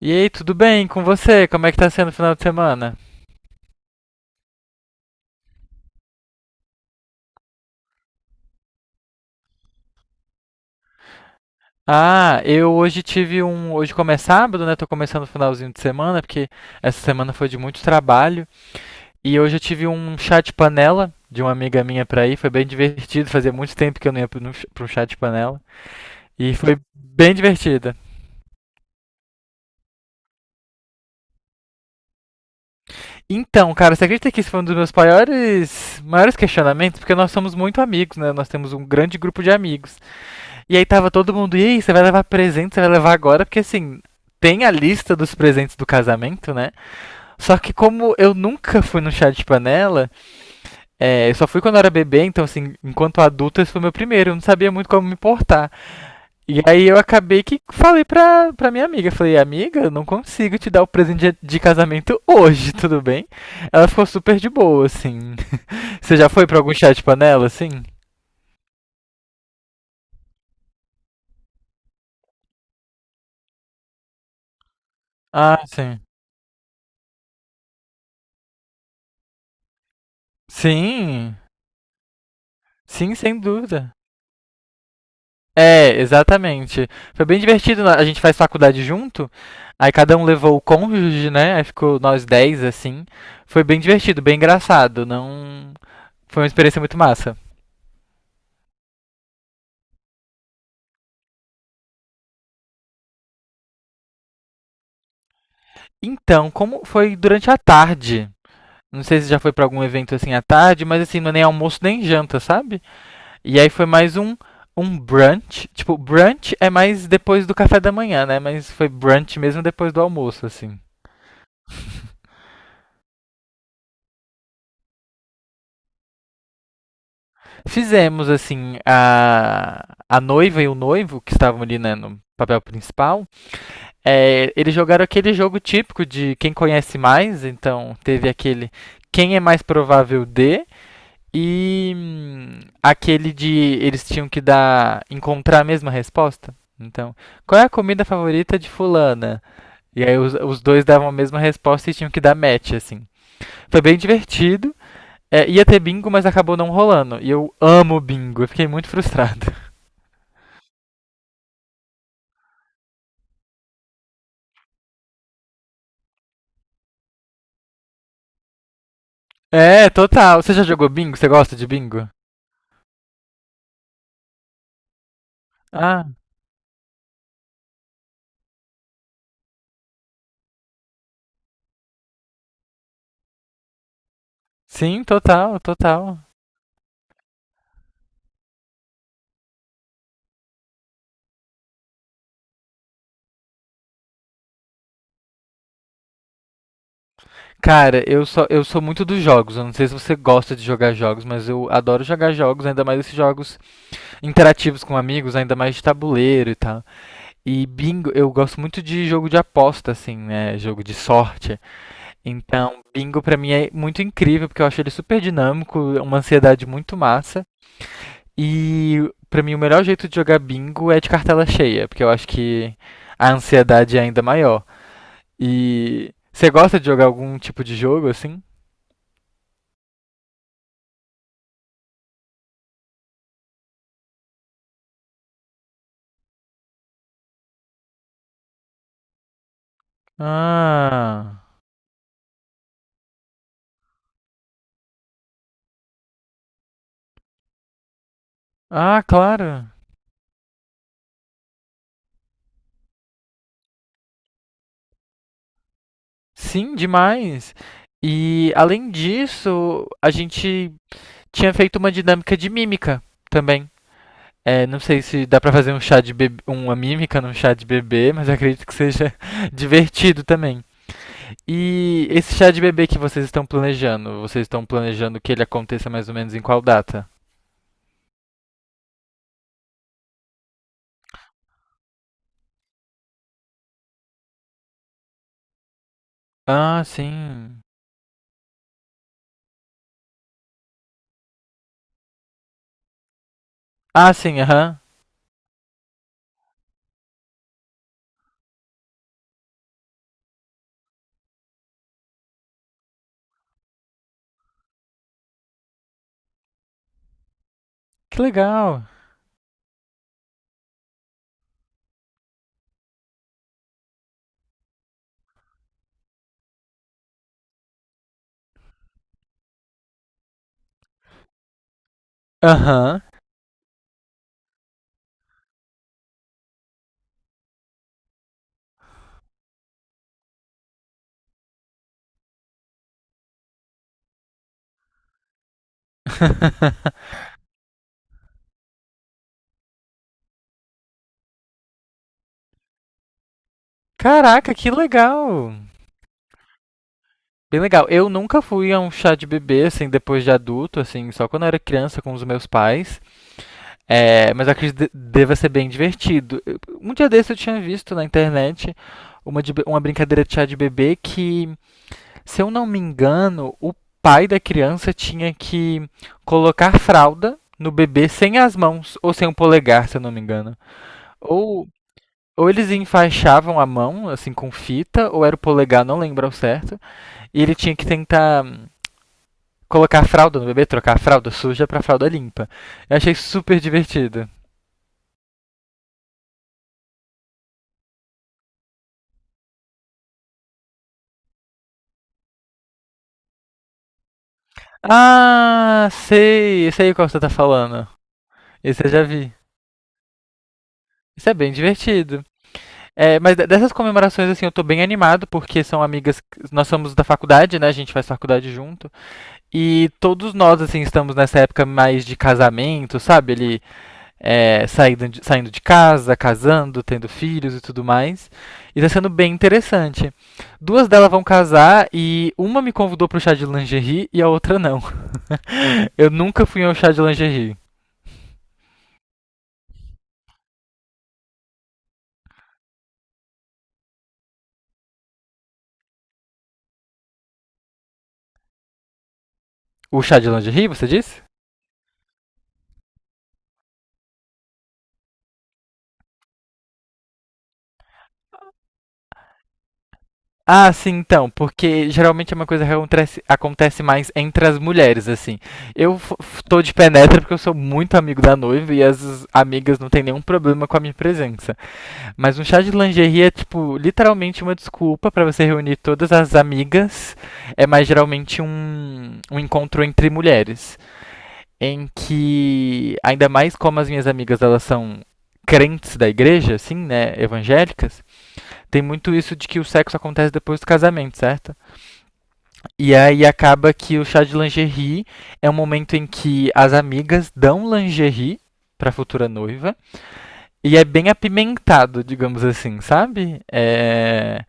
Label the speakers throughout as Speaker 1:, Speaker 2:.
Speaker 1: E aí, tudo bem com você? Como é que tá sendo o final de semana? Ah, eu hoje tive um. Hoje como é sábado, né? Tô começando o finalzinho de semana, porque essa semana foi de muito trabalho. E hoje eu tive um chá de panela de uma amiga minha pra ir. Foi bem divertido. Fazia muito tempo que eu não ia pra um chá de panela. E foi bem divertida. Então, cara, você acredita que esse foi um dos meus maiores questionamentos? Porque nós somos muito amigos, né? Nós temos um grande grupo de amigos. E aí tava todo mundo, e aí, você vai levar presente, você vai levar agora, porque assim, tem a lista dos presentes do casamento, né? Só que como eu nunca fui no chá de panela, é, eu só fui quando eu era bebê, então assim, enquanto adulto esse foi o meu primeiro, eu não sabia muito como me portar. E aí eu acabei que falei pra minha amiga, falei, amiga, eu não consigo te dar o presente de casamento hoje, tudo bem? Ela ficou super de boa, assim. Você já foi pra algum chá de panela, assim? Ah, sim. Sim, sim, sem dúvida. É, exatamente. Foi bem divertido, né? A gente faz faculdade junto. Aí cada um levou o cônjuge, né? Aí ficou nós 10, assim. Foi bem divertido, bem engraçado. Não. Foi uma experiência muito massa. Então, como foi durante a tarde? Não sei se já foi pra algum evento assim à tarde, mas assim, não é nem almoço nem janta, sabe? E aí foi mais um brunch. Tipo, brunch é mais depois do café da manhã, né? Mas foi brunch mesmo depois do almoço, assim. Fizemos, assim, a noiva e o noivo, que estavam ali, né, no papel principal, é, eles jogaram aquele jogo típico de quem conhece mais, então teve aquele quem é mais provável de, e aquele de eles tinham que dar encontrar a mesma resposta. Então, qual é a comida favorita de fulana? E aí os dois davam a mesma resposta e tinham que dar match, assim. Foi bem divertido. É, ia ter bingo, mas acabou não rolando. E eu amo bingo, eu fiquei muito frustrado. É, total. Você já jogou bingo? Você gosta de bingo? Ah, sim, total. Cara, eu sou muito dos jogos. Eu não sei se você gosta de jogar jogos, mas eu adoro jogar jogos, ainda mais esses jogos interativos com amigos, ainda mais de tabuleiro e tal. E bingo, eu gosto muito de jogo de aposta, assim, né? Jogo de sorte. Então, bingo pra mim é muito incrível, porque eu acho ele super dinâmico, uma ansiedade muito massa. E pra mim o melhor jeito de jogar bingo é de cartela cheia, porque eu acho que a ansiedade é ainda maior. E você gosta de jogar algum tipo de jogo assim? Ah, ah, claro. Sim, demais. E além disso, a gente tinha feito uma dinâmica de mímica também. É, não sei se dá pra fazer um chá de bebê, uma mímica num chá de bebê, mas acredito que seja divertido também. E esse chá de bebê que vocês estão planejando que ele aconteça mais ou menos em qual data? Ah, sim. Ah, sim, aham. Que legal. Aham. Caraca, que legal. Bem legal. Eu nunca fui a um chá de bebê, assim, depois de adulto, assim, só quando eu era criança com os meus pais. É, mas eu acredito que deva ser bem divertido. Eu. Um dia desse eu tinha visto na internet uma, uma brincadeira de chá de bebê que, se eu não me engano, o pai da criança tinha que colocar fralda no bebê sem as mãos, ou sem o polegar, se eu não me engano. Ou, ou eles enfaixavam a mão, assim, com fita, ou era o polegar, não lembro ao certo. E ele tinha que tentar colocar a fralda no bebê, trocar a fralda suja pra fralda limpa. Eu achei super divertido. Ah, sei, sei qual você tá falando. Esse eu já vi. Isso é bem divertido. É, mas dessas comemorações, assim, eu tô bem animado, porque são amigas que. Nós somos da faculdade, né? A gente faz faculdade junto. E todos nós, assim, estamos nessa época mais de casamento, sabe? Ele é, saindo de casa, casando, tendo filhos e tudo mais. E tá sendo bem interessante. Duas delas vão casar e uma me convidou pro chá de lingerie e a outra não. Eu nunca fui ao chá de lingerie. O chá de lingerie, você disse? Ah, sim, então, porque geralmente é uma coisa que acontece, acontece mais entre as mulheres, assim. Eu tô de penetra porque eu sou muito amigo da noiva e as amigas não têm nenhum problema com a minha presença. Mas um chá de lingerie é, tipo, literalmente uma desculpa pra você reunir todas as amigas. É mais geralmente um encontro entre mulheres. Em que, ainda mais como as minhas amigas, elas são crentes da igreja, assim, né, evangélicas, tem muito isso de que o sexo acontece depois do casamento, certo? E aí acaba que o chá de lingerie é um momento em que as amigas dão lingerie pra futura noiva. E é bem apimentado, digamos assim, sabe? É,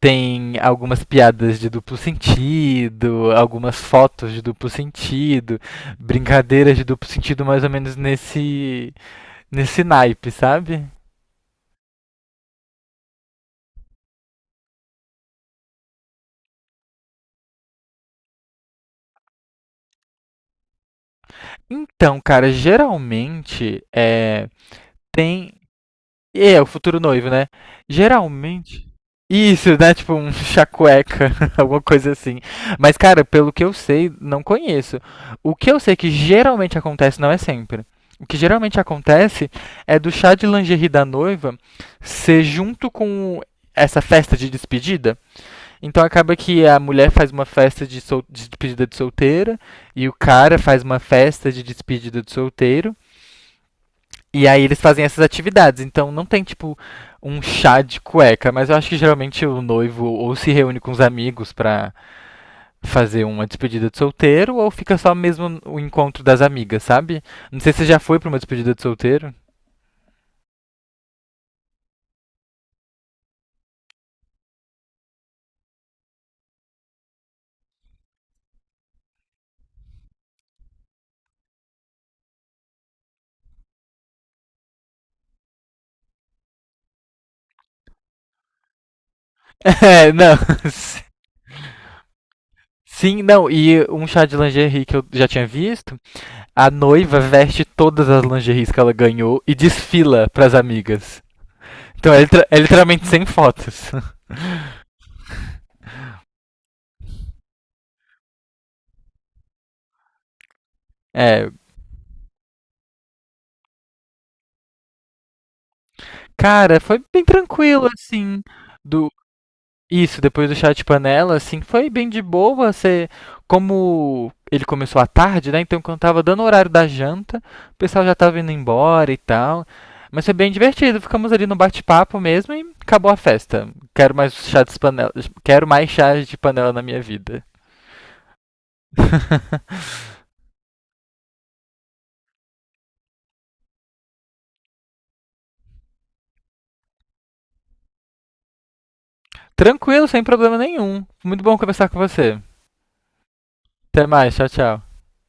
Speaker 1: tem algumas piadas de duplo sentido, algumas fotos de duplo sentido, brincadeiras de duplo sentido mais ou menos nesse, nesse naipe, sabe? Então, cara, geralmente é, tem. E é, o futuro noivo, né? Geralmente. Isso, né? Tipo um chacueca, alguma coisa assim. Mas, cara, pelo que eu sei, não conheço. O que eu sei que geralmente acontece, não é sempre. O que geralmente acontece é do chá de lingerie da noiva ser junto com essa festa de despedida. Então acaba que a mulher faz uma festa de, de despedida de solteira e o cara faz uma festa de despedida de solteiro. E aí eles fazem essas atividades. Então não tem, tipo, um chá de cueca, mas eu acho que geralmente o noivo ou se reúne com os amigos pra fazer uma despedida de solteiro, ou fica só mesmo o encontro das amigas, sabe? Não sei se você já foi pra uma despedida de solteiro. É, não. Sim, não, e um chá de lingerie que eu já tinha visto, a noiva veste todas as lingeries que ela ganhou e desfila pras amigas. Então é, é literalmente sem fotos. É, cara, foi bem tranquilo, assim, do isso, depois do chá de panela, assim, foi bem de boa, você, como ele começou à tarde, né, então quando tava dando o horário da janta, o pessoal já tava indo embora e tal, mas foi bem divertido, ficamos ali no bate-papo mesmo e acabou a festa. Quero mais chá de panela, quero mais chá de panela na minha vida. Tranquilo, sem problema nenhum. Muito bom conversar com você. Até mais, tchau, tchau.